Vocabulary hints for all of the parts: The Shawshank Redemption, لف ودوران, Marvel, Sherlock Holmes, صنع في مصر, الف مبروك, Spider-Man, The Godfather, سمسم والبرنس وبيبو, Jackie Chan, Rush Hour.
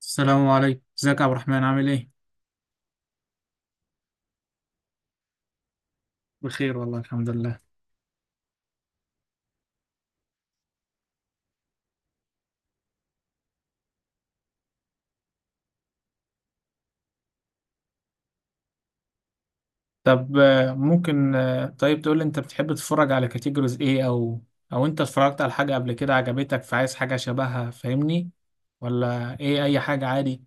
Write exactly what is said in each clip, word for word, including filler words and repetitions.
السلام عليكم، ازيك يا عبد الرحمن؟ عامل ايه؟ بخير والله، الحمد لله. طب آه، ممكن آه، طيب تقول لي، انت بتحب تتفرج على كاتيجوريز ايه، او او انت اتفرجت على حاجة قبل كده عجبتك فعايز حاجة شبهها؟ فاهمني ولا ايه، اي حاجة عادي.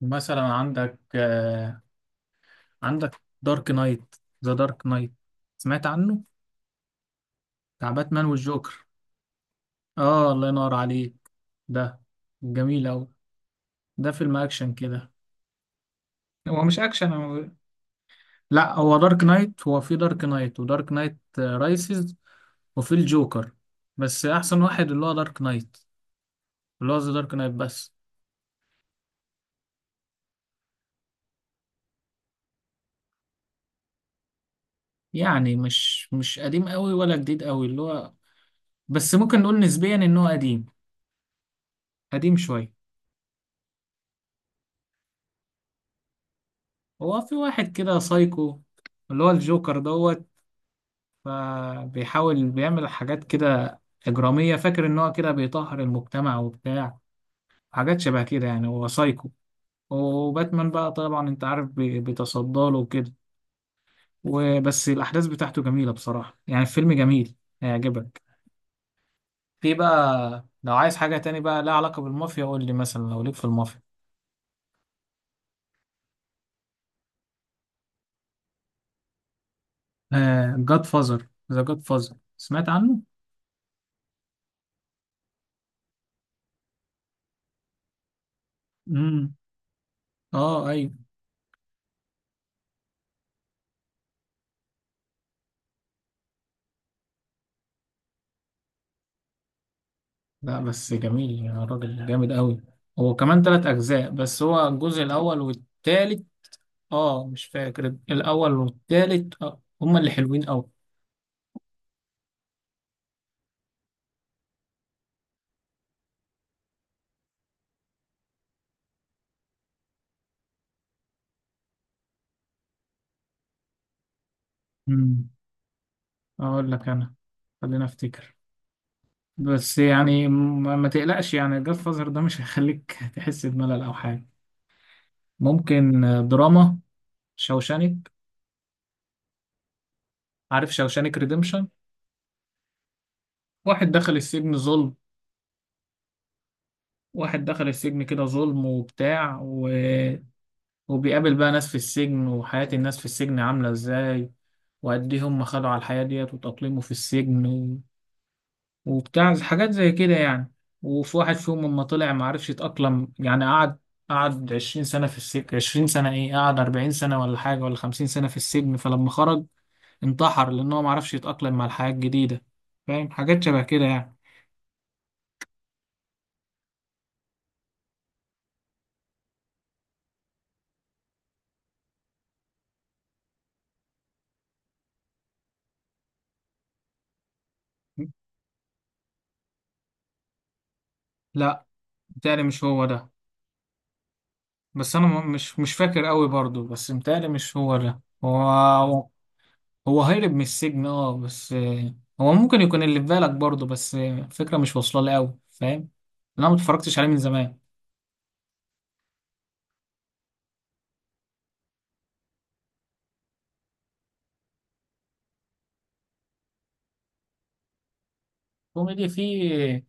مثلا عندك آه، عندك دارك نايت، ذا دارك نايت، سمعت عنه؟ بتاع باتمان والجوكر. اه، الله ينور عليك. ده جميل اوي. ده فيلم اكشن كده. هو مش اكشن. لا، هو دارك نايت، هو في دارك نايت ودارك نايت رايسز، وفي الجوكر. بس احسن واحد اللي هو دارك نايت، اللي هو ذا دارك نايت بس. يعني مش مش قديم قوي ولا جديد قوي، اللي هو بس ممكن نقول نسبيا ان هو قديم. قديم شويه. هو في واحد كده سايكو، اللي هو الجوكر دوت. فبيحاول بيعمل حاجات كده إجرامية، فاكر إن هو كده بيطهر المجتمع وبتاع حاجات شبه كده، يعني هو سايكو. وباتمان بقى طبعا أنت عارف، بي- بيتصدى له وكده. وبس الأحداث بتاعته جميلة بصراحة، يعني الفيلم جميل، هيعجبك. في بقى لو عايز حاجة تاني بقى لها علاقة بالمافيا قول لي، مثلا لو ليك في المافيا، آه، جاد فازر، ذا جاد فازر، سمعت عنه؟ امم. اه ايوه. لا بس جميل يا راجل، جامد قوي. هو كمان تلات أجزاء، بس هو الجزء الأول والتالت. اه، مش فاكر، الأول والتالت آه هما اللي حلوين قوي. امم أقول لك أنا، خلينا أفتكر. بس يعني ما ما تقلقش، يعني جاد فازر ده مش هيخليك تحس بملل او حاجه. ممكن دراما. شوشانك، عارف شوشانك ريديمشن؟ واحد دخل السجن ظلم. واحد دخل السجن كده ظلم وبتاع و... وبيقابل بقى ناس في السجن، وحياة الناس في السجن عاملة ازاي، وقد ايه هم خدوا على الحياة ديت وتأقلموا في السجن، وبتاع حاجات زي كده يعني. وفي واحد فيهم لما طلع ما عرفش يتأقلم، يعني قعد قعد عشرين سنة في السجن، عشرين سنة، ايه قعد اربعين سنة ولا حاجة، ولا خمسين سنة في السجن، فلما خرج انتحر لأن هو ما عرفش يتأقلم مع الحياة الجديدة. فاهم، حاجات شبه كده يعني. لا، متهيألي مش هو ده. بس أنا م- مش مش فاكر قوي برضو، بس متهيألي مش هو ده. هو هو هرب من السجن اه، بس آه، هو ممكن يكون اللي في بالك برضو، بس آه، الفكرة مش واصلة لي قوي، فاهم، لأن أنا ما اتفرجتش عليه من زمان. كوميدي فيه.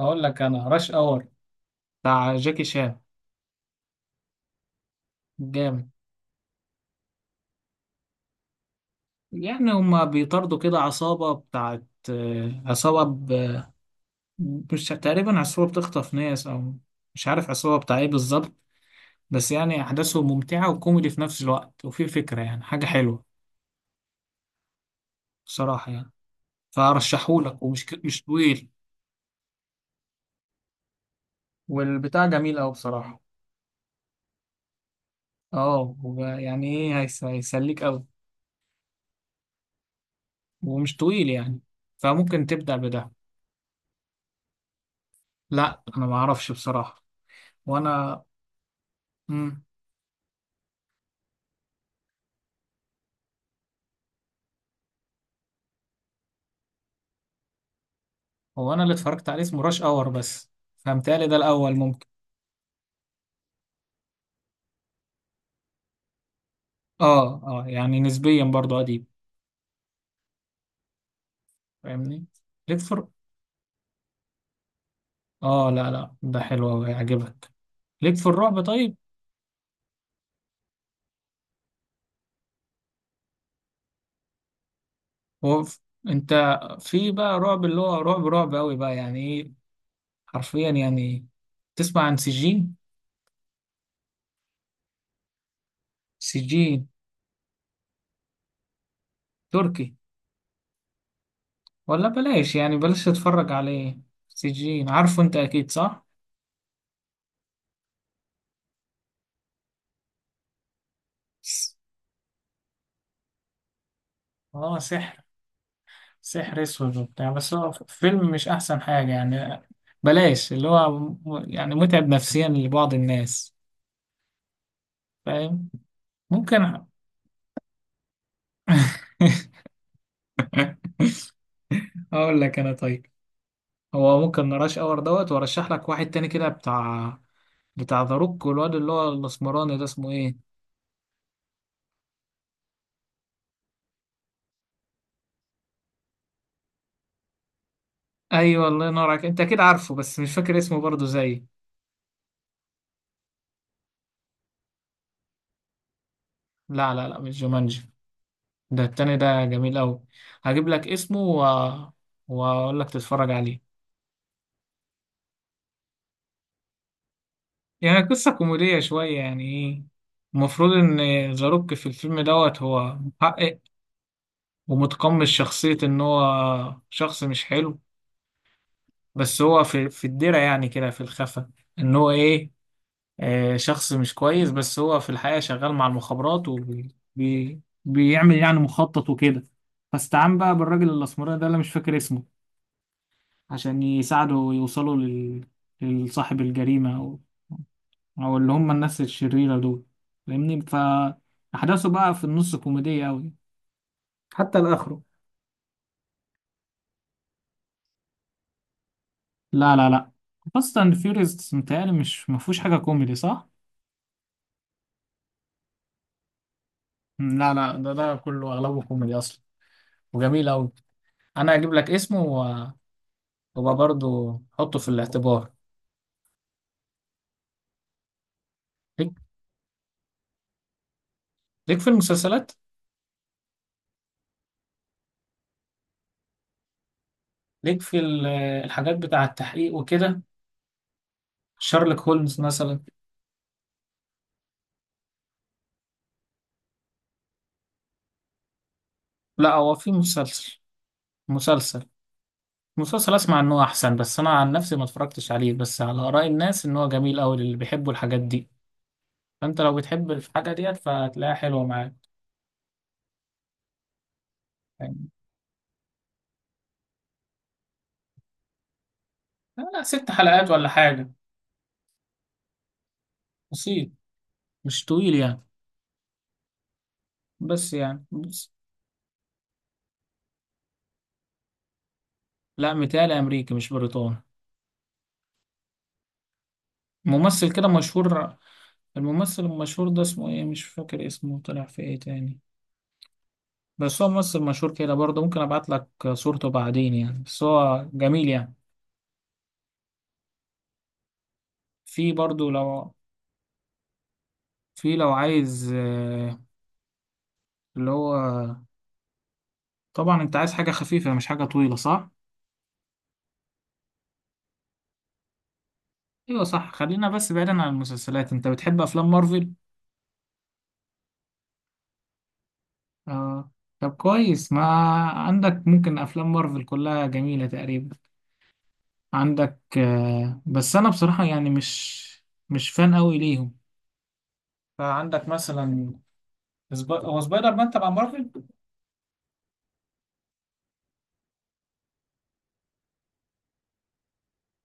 اقول لك انا راش اور، بتاع جاكي شان، جامد. يعني هما بيطاردوا كده عصابة بتاعت آه، عصابة ب... مش، تقريبا عصابة بتخطف ناس، او مش عارف عصابة بتاع ايه بالظبط. بس يعني احداثه ممتعة وكوميدي في نفس الوقت، وفي فكرة يعني حاجة حلوة بصراحة يعني. فارشحهولك، ومش ك... مش طويل. والبتاع جميل اوي بصراحة. اه وب- يعني ايه، هيس- هيسليك اوي، ومش طويل يعني. فممكن تبدأ بده. لا انا ما اعرفش بصراحة. وانا مم. هو انا اللي اتفرجت عليه اسمه راش اور بس. فهمتهيألي ده الاول، ممكن. اه اه، يعني نسبيا برضو قديم، فاهمني. ليك فر اه لا لا، ده حلو أوي، هيعجبك. ليك في الرعب طيب؟ هو ف- انت، في بقى رعب اللي هو رعب رعب قوي بقى، يعني ايه، حرفيا يعني. تسمع عن سجين. سجين تركي، ولا بلاش، يعني بلاش تتفرج عليه. سجين، عارفه انت اكيد صح؟ س- اه، سحر، سحر اسود وبتاع، بس هو فيلم مش احسن حاجة يعني. بلاش اللي هو م- يعني متعب نفسيا لبعض الناس، فاهم. ممكن. اقول لك انا، طيب. هو ممكن نراش اور دوت، وارشح لك واحد تاني كده بتاع، بتاع ذا روك والواد اللي هو الاسمراني ده اسمه ايه؟ ايوه، الله ينور عليك، انت اكيد عارفه بس مش فاكر اسمه برضه زي. لا لا لا، مش جومانجي. ده التاني ده جميل قوي. هجيب لك اسمه و... واقول لك تتفرج عليه. يعني قصة كوميدية شوية يعني ايه. المفروض ان زاروك في الفيلم دوت هو محقق ومتقمص شخصية ان هو شخص مش حلو، بس هو في في الدرع يعني كده في الخفا، ان هو ايه آه شخص مش كويس، بس هو في الحقيقة شغال مع المخابرات وبيعمل يعني مخطط وكده. فاستعان بقى بالراجل الأسمراني ده اللي مش فاكر اسمه عشان يساعده يوصلوا لل- لصاحب الجريمة، او اللي هم الناس الشريرة دول، فاهمني. فاحداثه بقى في النص كوميدية قوي حتى لاخره. لا لا لا، فاست اند فيوريوس متهيألي مش، ما فيهوش حاجة كوميدي صح؟ لا لا، ده ده كله اغلبه كوميدي اصلا، وجميل قوي. انا هجيب لك اسمه و- وابقى برضه حطه في الاعتبار. ليك ليك في المسلسلات. ليك في ال- الحاجات بتاع التحقيق وكده، شارلوك هولمز مثلا. لا، هو في مسلسل مسلسل مسلسل اسمع ان هو احسن، بس انا عن نفسي ما اتفرجتش عليه، بس على اراء الناس ان هو جميل قوي، اللي بيحبوا الحاجات دي. فانت لو بتحب الحاجه ديت فهتلاقيها حلوه معاك يعني. لا لا، ست حلقات ولا حاجه. بسيط، مش طويل يعني، بس يعني بس. لا، متهيألي امريكي مش بريطاني. ممثل كده مشهور. الممثل المشهور ده اسمه ايه، مش فاكر اسمه طلع في ايه تاني. بس هو ممثل مشهور كده برضه، ممكن ابعت لك صورته بعدين يعني، بس هو جميل يعني. في برضه لو، في لو عايز آه، اللي هو، طبعا انت عايز حاجة خفيفة مش حاجة طويلة صح؟ ايوه صح. خلينا بس بعيدا عن المسلسلات، انت بتحب افلام مارفل؟ آه. طب كويس، ما عندك، ممكن افلام مارفل كلها جميلة تقريبا. عندك آه. بس انا بصراحة يعني مش مش فان قوي ليهم. فعندك مثلا، سب- هو سبايدر مان تبع مارفل؟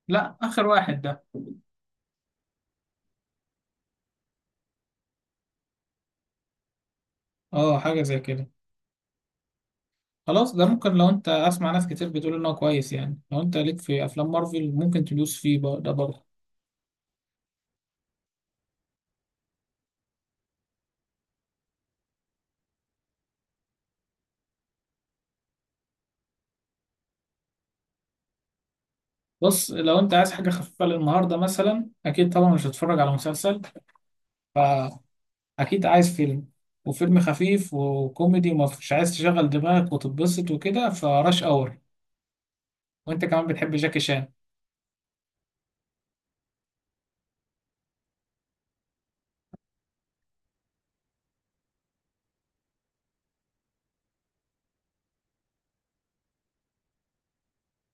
لا، اخر واحد ده. اه، حاجة زي كده. خلاص ده ممكن، لو انت اسمع ناس كتير بتقول انه كويس يعني، لو انت ليك في افلام مارفل ممكن تدوس فيه بقى ده برضه. بص، لو انت عايز حاجة خفيفة للنهاردة مثلا، اكيد طبعا مش هتتفرج على مسلسل، فاكيد عايز فيلم، وفيلم خفيف وكوميدي ومش عايز تشغل دماغك وتتبسط وكده، فراش اور. وانت كمان بتحب جاكي شان.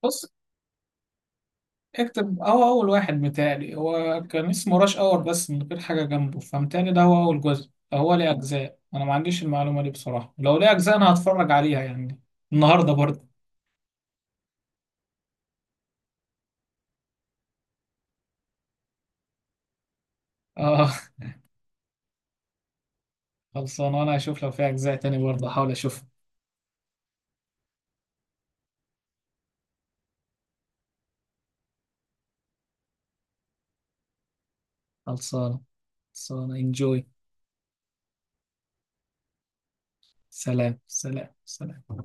بص، اكتب. هو اول واحد متهيألي هو كان اسمه راش اور بس، من غير حاجة جنبه. فمتهيألي ده هو اول جزء. هو ليه اجزاء، انا ما عنديش المعلومة دي بصراحة. لو ليه اجزاء انا هتفرج عليها يعني النهاردة برضه. اه. خلصان. وانا هشوف لو في اجزاء تاني برضه احاول اشوف. خلصانة، خلصانة، انجوي. سلام، سلام، سلام.